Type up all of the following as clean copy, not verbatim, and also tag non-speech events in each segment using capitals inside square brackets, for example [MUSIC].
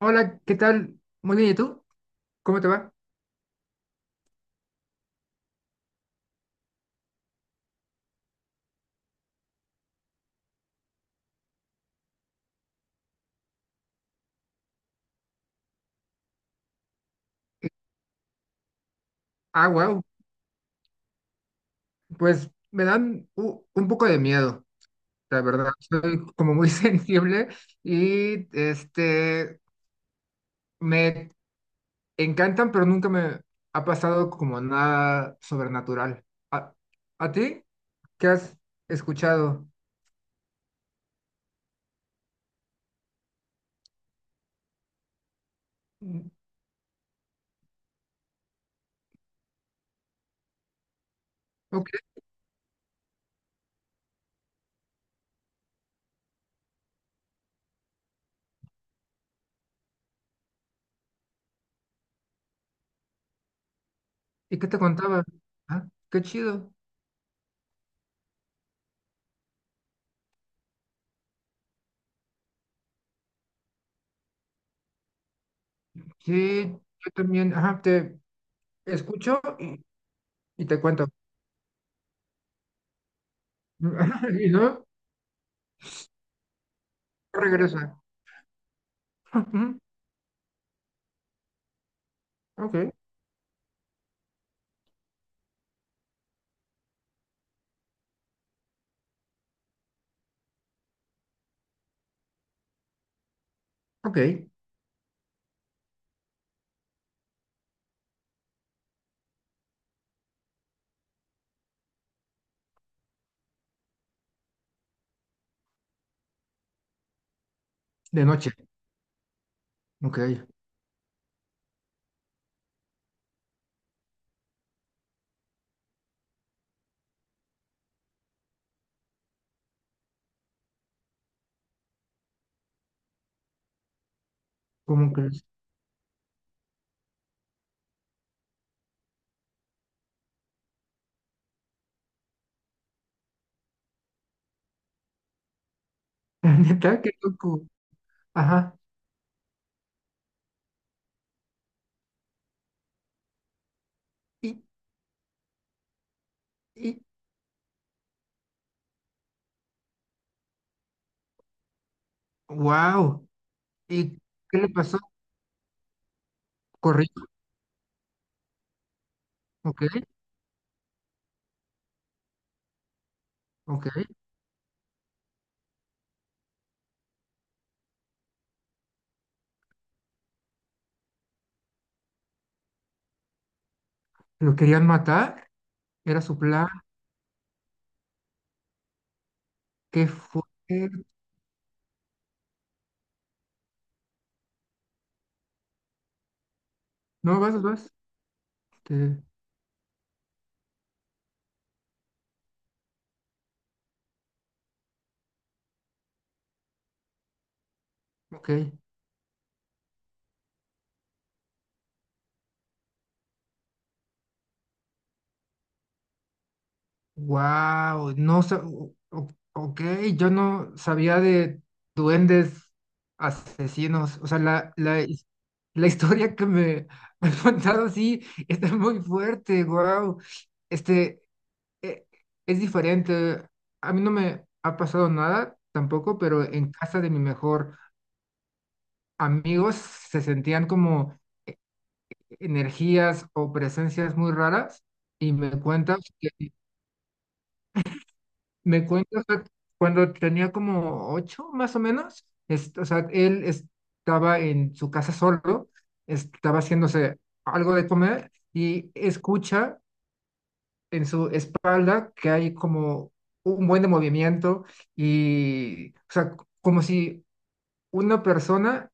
Hola, ¿qué tal? Muy bien, ¿y tú? ¿Cómo te va? Ah, wow. Pues me dan un poco de miedo, la verdad. Soy como muy [LAUGHS] sensible y me encantan, pero nunca me ha pasado como nada sobrenatural. ¿A, ¿A ti? ¿Qué has escuchado? Mm. Ok, ¿y qué te contaba? Ah, qué chido. Sí, yo también, ajá, te escucho y te cuento. [LAUGHS] Y no, regresa. [LAUGHS] Ok, ok, de noche, ok, ¿cómo crees? [LAUGHS] Neta, qué loco, ajá, y, y, wow, ¿y qué le pasó? Corrió, ok, ok, lo querían matar, era su plan, qué fue, no, vas, vas, este, ok. Wow, no sa- o- ok, yo no sabía de duendes asesinos. O sea, la historia que me [LAUGHS] han contado sí está muy fuerte, wow. Este e- es diferente. A mí no me ha pasado nada tampoco, pero en casa de mi mejor amigos se sentían como e- energías o presencias muy raras y me cuentas. Me cuenta, o sea, cuando tenía como ocho, más o menos, o sea, él estaba en su casa solo, estaba haciéndose algo de comer y escucha en su espalda que hay como un buen de movimiento y, o sea, como si una persona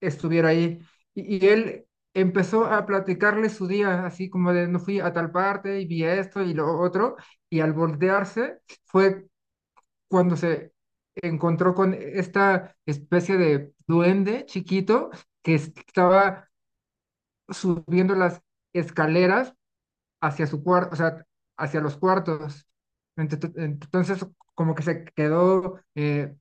estuviera ahí. Y él empezó a platicarle su día, así como de, no fui a tal parte y vi esto y lo otro, y al voltearse fue cuando se encontró con esta especie de duende chiquito que estaba subiendo las escaleras hacia su cuarto, o sea, hacia los cuartos. Entonces, como que se quedó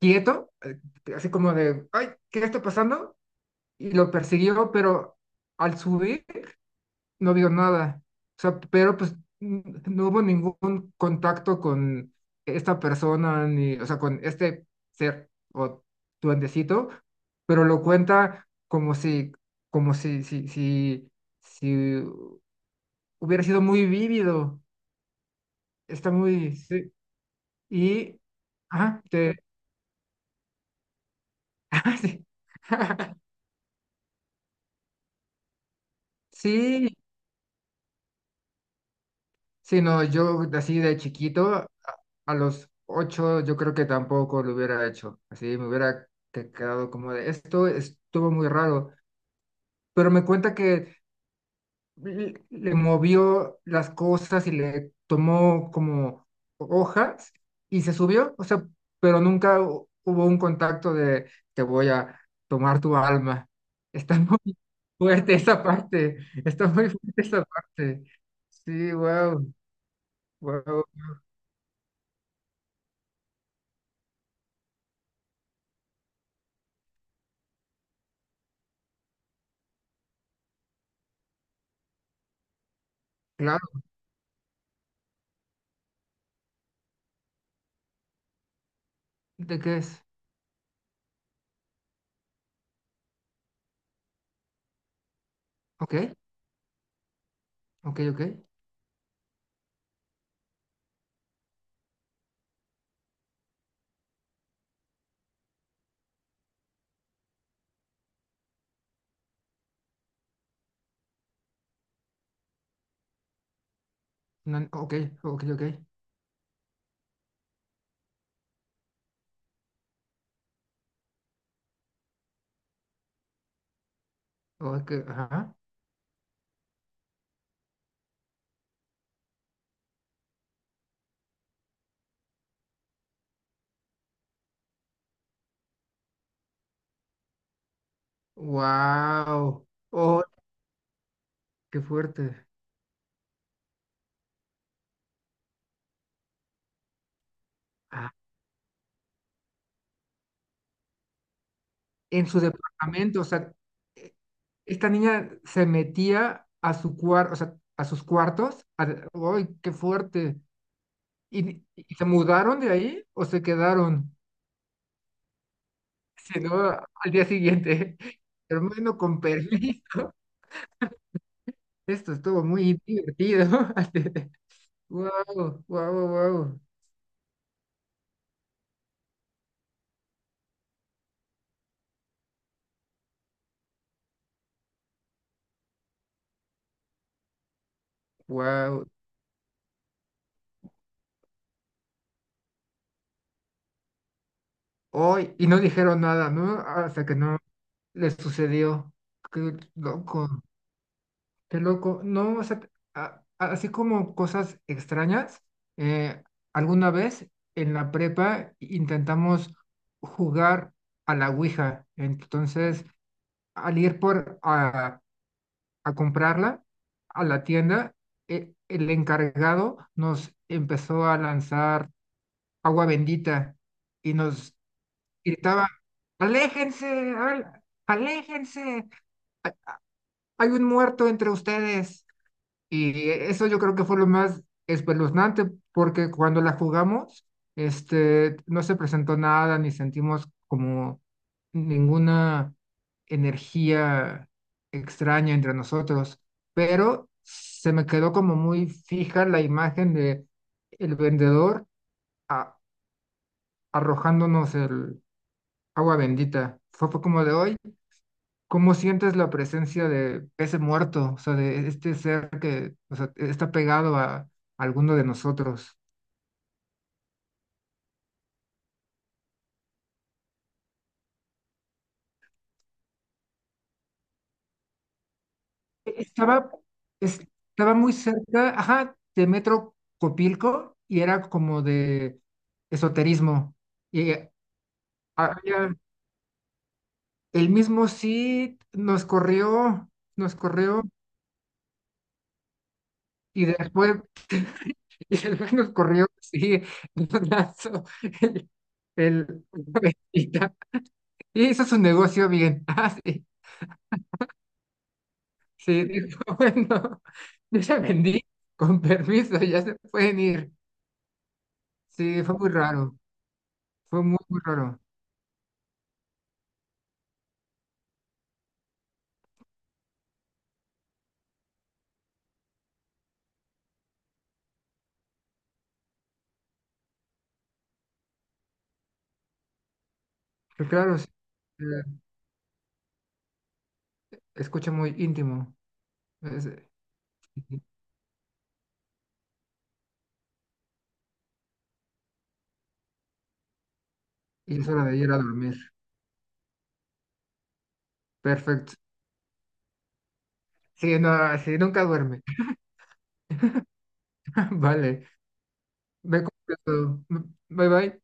quieto, así como de, ay, ¿qué está pasando? Y lo persiguió, pero al subir no vio nada. O sea, pero pues no hubo ningún contacto con esta persona, ni, o sea, con este ser o duendecito, pero lo cuenta como si si hubiera sido muy vívido. Está muy, sí. Y, ah, te, [LAUGHS] ah, sí. [LAUGHS] Sí, sí, no, yo así de chiquito, a los ocho yo creo que tampoco lo hubiera hecho, así me hubiera quedado como de, esto estuvo muy raro, pero me cuenta que le movió las cosas y le tomó como hojas y se subió, o sea, pero nunca hubo un contacto de te voy a tomar tu alma. [LAUGHS] Está muy fuerte esa parte, está muy fuerte esa parte. Sí, wow, wow. Claro. ¿De qué es? Ok, ok, ok. No, ok, ok, ok. Ok, ajá. Wow. Oh, qué fuerte. Ah, en su departamento, o sea, e- esta niña se metía a su cuarto, o sea, a sus cuartos. ¡Ay, qué fuerte! Y se mudaron de ahí o se quedaron? Si no, al día siguiente. [LAUGHS] Hermano, con permiso. Esto estuvo muy divertido. [LAUGHS] Wow, wow, wow. Wow, hoy y no dijeron nada, ¿no? Hasta que no les sucedió. Qué loco, qué loco. No, o sea, así como cosas extrañas, eh, alguna vez en la prepa intentamos jugar a la Ouija. Entonces, al ir a comprarla a la tienda, el encargado nos empezó a lanzar agua bendita y nos gritaba, aléjense, aléjense, hay un muerto entre ustedes. Y eso yo creo que fue lo más espeluznante, porque cuando la jugamos, no se presentó nada, ni sentimos como ninguna energía extraña entre nosotros, pero se me quedó como muy fija la imagen de el vendedor a- arrojándonos el agua bendita. Fue como de hoy ¿cómo sientes la presencia de ese muerto, o sea, de este ser que, o sea, está pegado a, alguno de nosotros? Estaba, estaba muy cerca, ajá, de Metro Copilco y era como de esoterismo. Y había- el mismo sí nos corrió y después, [LAUGHS] y después nos corrió, sí, [LAUGHS] nos lanzó el, el- [LAUGHS] y hizo su negocio bien. [LAUGHS] Ah, sí. Sí, dijo, [LAUGHS] bueno, yo ya vendí, con permiso, ya se pueden ir. Sí, fue muy raro, fue muy, muy raro. Pero claro, sí, eh, escucha muy íntimo. es- y es hora de ir a dormir. Perfecto. Sí, no, sí, nunca duerme. [LAUGHS] Vale, me contesto. Bye bye.